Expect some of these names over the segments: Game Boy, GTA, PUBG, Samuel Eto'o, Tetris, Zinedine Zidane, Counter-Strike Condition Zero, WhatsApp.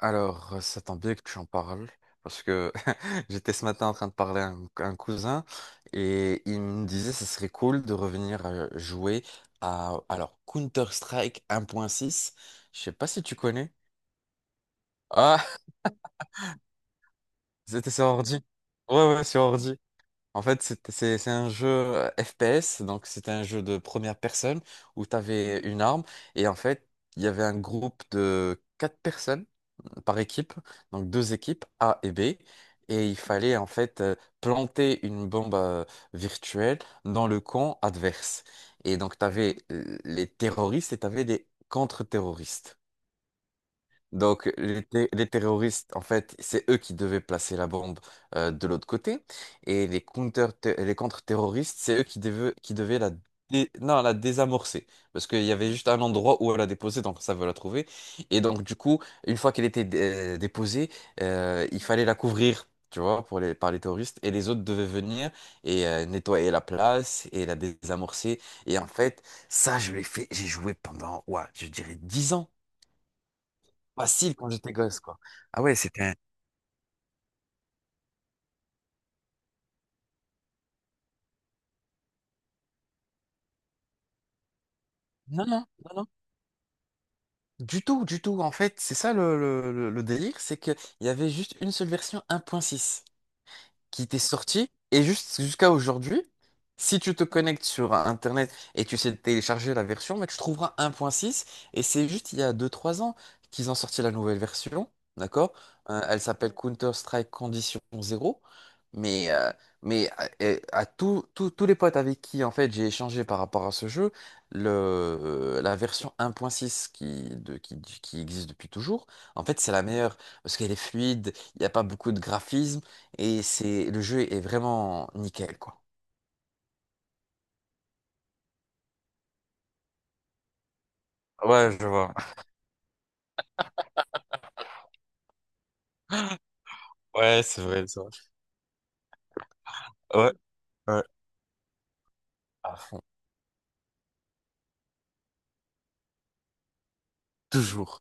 Alors, ça tombe bien que tu en parles, parce que j'étais ce matin en train de parler à un cousin, et il me disait que ce serait cool de revenir jouer à, alors, Counter-Strike 1.6. Je sais pas si tu connais. Ah, c'était sur ordi. Ouais, ouais, sur ordi. En fait, c'est un jeu FPS, donc c'était un jeu de première personne où tu avais une arme et en fait, il y avait un groupe de quatre personnes par équipe, donc deux équipes A et B, et il fallait en fait planter une bombe virtuelle dans le camp adverse. Et donc, tu avais les terroristes et tu avais des contre-terroristes. Donc, les terroristes, en fait, c'est eux qui devaient placer la bombe de l'autre côté. Et les contre-terroristes, c'est eux qui devaient non, la désamorcer. Parce qu'il y avait juste un endroit où elle a déposé, donc ça veut la trouver. Et donc, du coup, une fois qu'elle était déposée, il fallait la couvrir, tu vois, par les terroristes. Et les autres devaient venir et nettoyer la place et la désamorcer. Et en fait, ça, je l'ai fait, j'ai joué pendant, ouais, je dirais 10 ans facile quand j'étais gosse, quoi. Ah ouais, c'était... Non, non, non, non. Du tout, du tout. En fait, c'est ça le délire, c'est qu'il y avait juste une seule version 1.6 qui t'est sorti et juste jusqu'à aujourd'hui, si tu te connectes sur Internet et tu sais télécharger la version, mais tu trouveras 1.6 et c'est juste il y a deux trois ans qu'ils ont sorti la nouvelle version, d'accord? Elle s'appelle Counter-Strike Condition 0, mais, euh, mais à, et à tous les potes avec qui en fait j'ai échangé par rapport à ce jeu, le, la version 1.6 qui existe depuis toujours, en fait c'est la meilleure parce qu'elle est fluide, il n'y a pas beaucoup de graphismes. Et c'est, le jeu est vraiment nickel, quoi. Ouais, je vois. Ouais, c'est vrai, c'est vrai. Ouais, ouais. À fond. Toujours.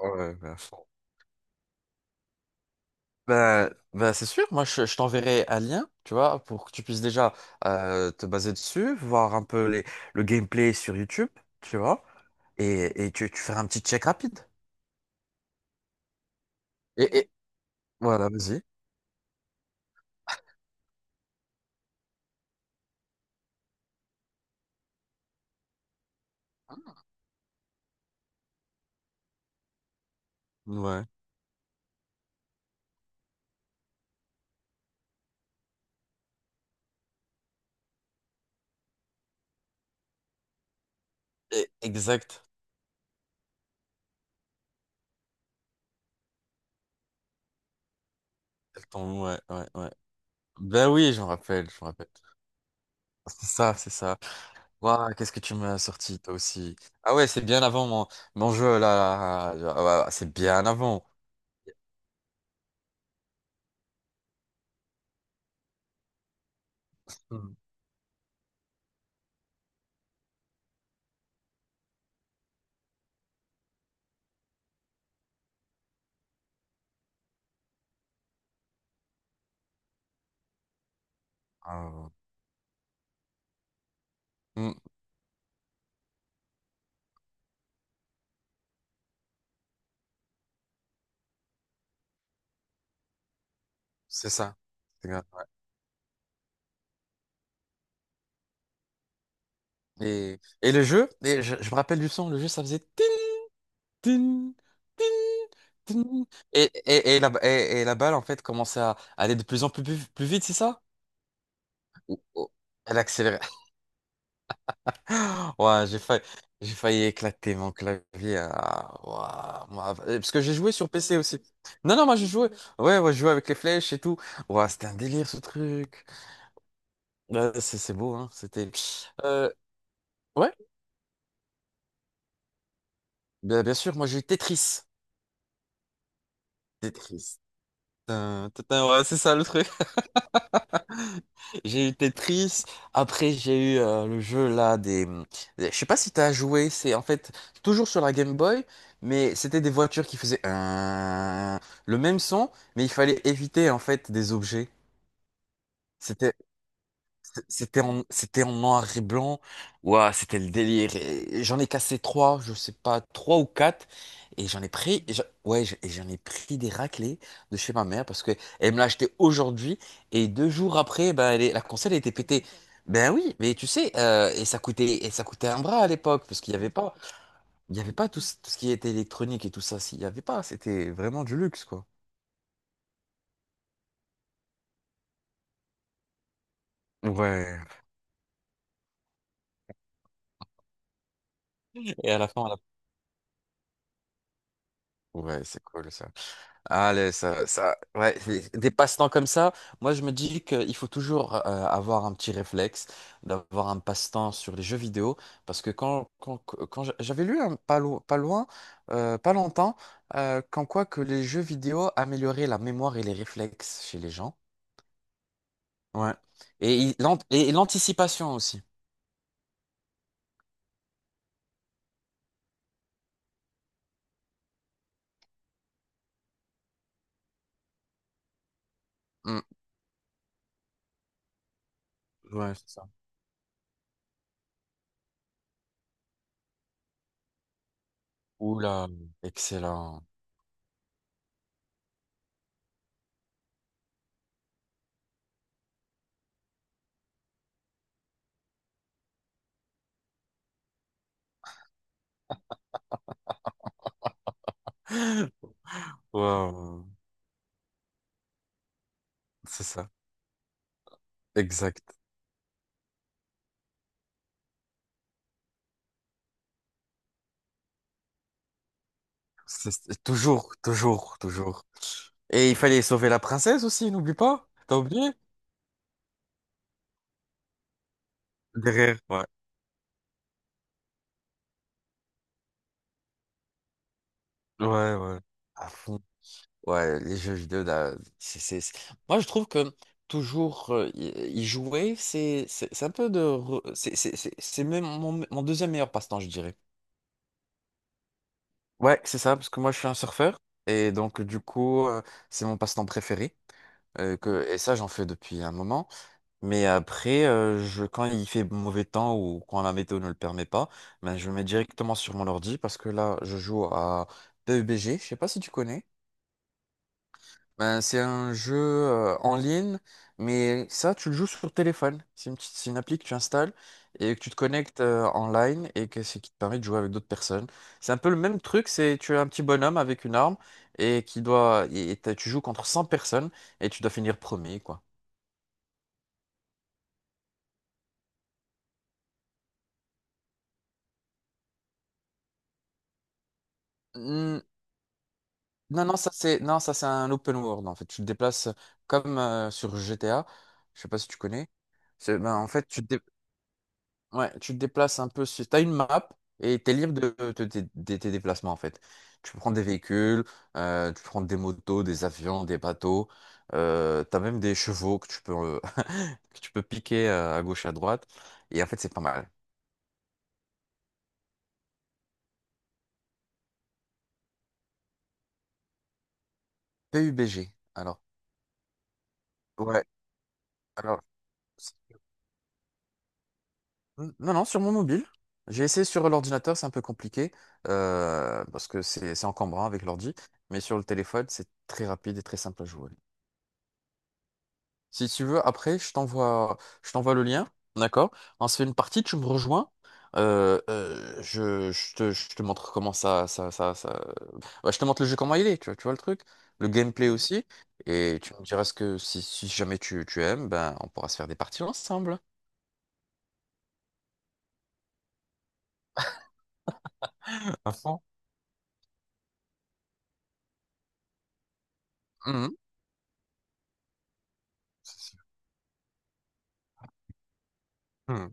Ouais, mais à fond. Bah, bah c'est sûr, moi je t'enverrai un lien, tu vois, pour que tu puisses déjà te baser dessus, voir un peu les, le gameplay sur YouTube, tu vois, et tu feras un petit check rapide. Et- voilà, vas-y. Ouais. Et- Exact. Attends, ouais, ouais, ouais. Ben oui, je me rappelle, je me rappelle. C'est ça, c'est ça. Waouh, qu'est-ce que tu m'as sorti, toi aussi. Ah ouais, c'est bien avant mon, mon jeu, là. Là, là, là. Ouais, c'est bien avant. Hmm. Ah, ouais. Hmm, c'est ça. C'est grave. Et le jeu, et je me rappelle du son, le jeu, ça faisait... tin, tin, tin, tin. Et la balle, en fait, commençait à aller de plus en plus, plus, plus vite, c'est ça? Ou- Elle accélérait. Ouais, j'ai failli éclater mon clavier. Hein. Ah, ouah, moi, parce que j'ai joué sur PC aussi. Non, non, moi j'ai joué. Ouais, ouais, je jouais avec les flèches et tout. Ouais, c'était un délire ce truc. Ouais, c'est beau, hein. C'était. Euh, ouais, bien, bien sûr, moi j'ai eu Tetris. Tetris. Tin, tin, tin, ouais, c'est ça le truc. J'ai eu Tetris, après j'ai eu le jeu là des... Je sais pas si t'as joué, c'est en fait toujours sur la Game Boy, mais c'était des voitures qui faisaient un... le même son, mais il fallait éviter en fait des objets. C'était c'était en noir et blanc. Ouah, c'était le délire. Et- j'en ai cassé trois, je sais pas, trois ou quatre. Et j'en ai pris, et j'en- ouais, j'ai- et j'en ai pris des raclées de chez ma mère parce que elle me l'a acheté aujourd'hui. Et 2 jours après, ben, elle est- la console elle était pétée. Ben oui, mais tu sais, et ça coûtait un bras à l'époque parce qu'il n'y avait pas, il y avait pas tout, ce tout ce qui était électronique et tout ça. S'il y avait pas, c'était vraiment du luxe, quoi. Ouais. Et à la fin, on a- ouais, c'est cool ça. Ah, le- ça, ouais, des passe-temps comme ça, moi je me dis qu'il faut toujours avoir un petit réflexe, d'avoir un passe-temps sur les jeux vidéo, parce que quand j'a- j'avais lu un, pas, lo- pas loin, pas longtemps, qu'en quoi que les jeux vidéo amélioraient la mémoire et les réflexes chez les gens. Ouais. Et il- l'ant- et l'anticipation aussi. Mm. Ouais, c'est ça. Oula, excellent. Wow, c'est ça, exact. C'est- toujours, toujours, toujours. Et il fallait sauver la princesse aussi, n'oublie pas. T'as oublié? Derrière, ouais. Ouais, ouais. À fond. Ouais, les jeux vidéo, là, c'est- moi, je trouve que toujours y jouer, c'est un peu de... re- c'est c'est même mon, mon deuxième meilleur passe-temps, je dirais. Ouais, c'est ça, parce que moi, je suis un surfeur. Et donc, du coup, c'est mon passe-temps préféré. Que Et ça, j'en fais depuis un moment. Mais après, je, quand il fait mauvais temps ou quand la météo ne le permet pas, ben, je me mets directement sur mon ordi parce que là, je joue à PUBG. Je sais pas si tu connais. Ben, c'est un jeu en ligne, mais ça, tu le joues sur téléphone. C'est une, petite- c'est une appli que tu installes et que tu te connectes en ligne et que c'est qui te permet de jouer avec d'autres personnes. C'est un peu le même truc, c'est tu es un petit bonhomme avec une arme et qui doit et t'as- tu joues contre 100 personnes et tu dois finir premier, quoi. Mmh, Non, non, ça c'est non, ça c'est un open world en fait. Tu te déplaces comme sur GTA. Je sais pas si tu connais. C'est- ben, en fait, ouais, tu te déplaces un peu. Tu as une map et tu es libre de, de tes déplacements en fait. Tu prends des véhicules, tu prends des motos, des avions, des bateaux. Tu as même des chevaux que tu peux, que tu peux piquer à gauche et à droite. Et en fait, c'est pas mal. PUBG. Alors, ouais. Alors. N- non, non, sur mon mobile. J'ai essayé sur l'ordinateur, c'est un peu compliqué, parce que c'est encombrant avec l'ordi, mais sur le téléphone, c'est très rapide et très simple à jouer. Si tu veux, après, je t'envoie le lien, d'accord? On se fait une partie, tu me rejoins, je te montre comment ça, Ouais, je te montre le jeu comment il est, tu vois le truc, le gameplay aussi, et tu me diras ce que si, si jamais tu, tu aimes, ben, on pourra se faire des parties ensemble. À fond. Mhm. C'est sûr. Hmm.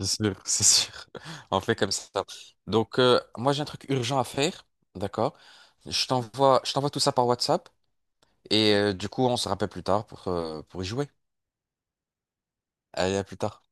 C'est sûr, c'est sûr. On fait comme ça. Donc, moi, j'ai un truc urgent à faire. D'accord? Je t'envoie tout ça par WhatsApp. Et du coup, on se rappelle plus tard pour y jouer. Allez, à plus tard.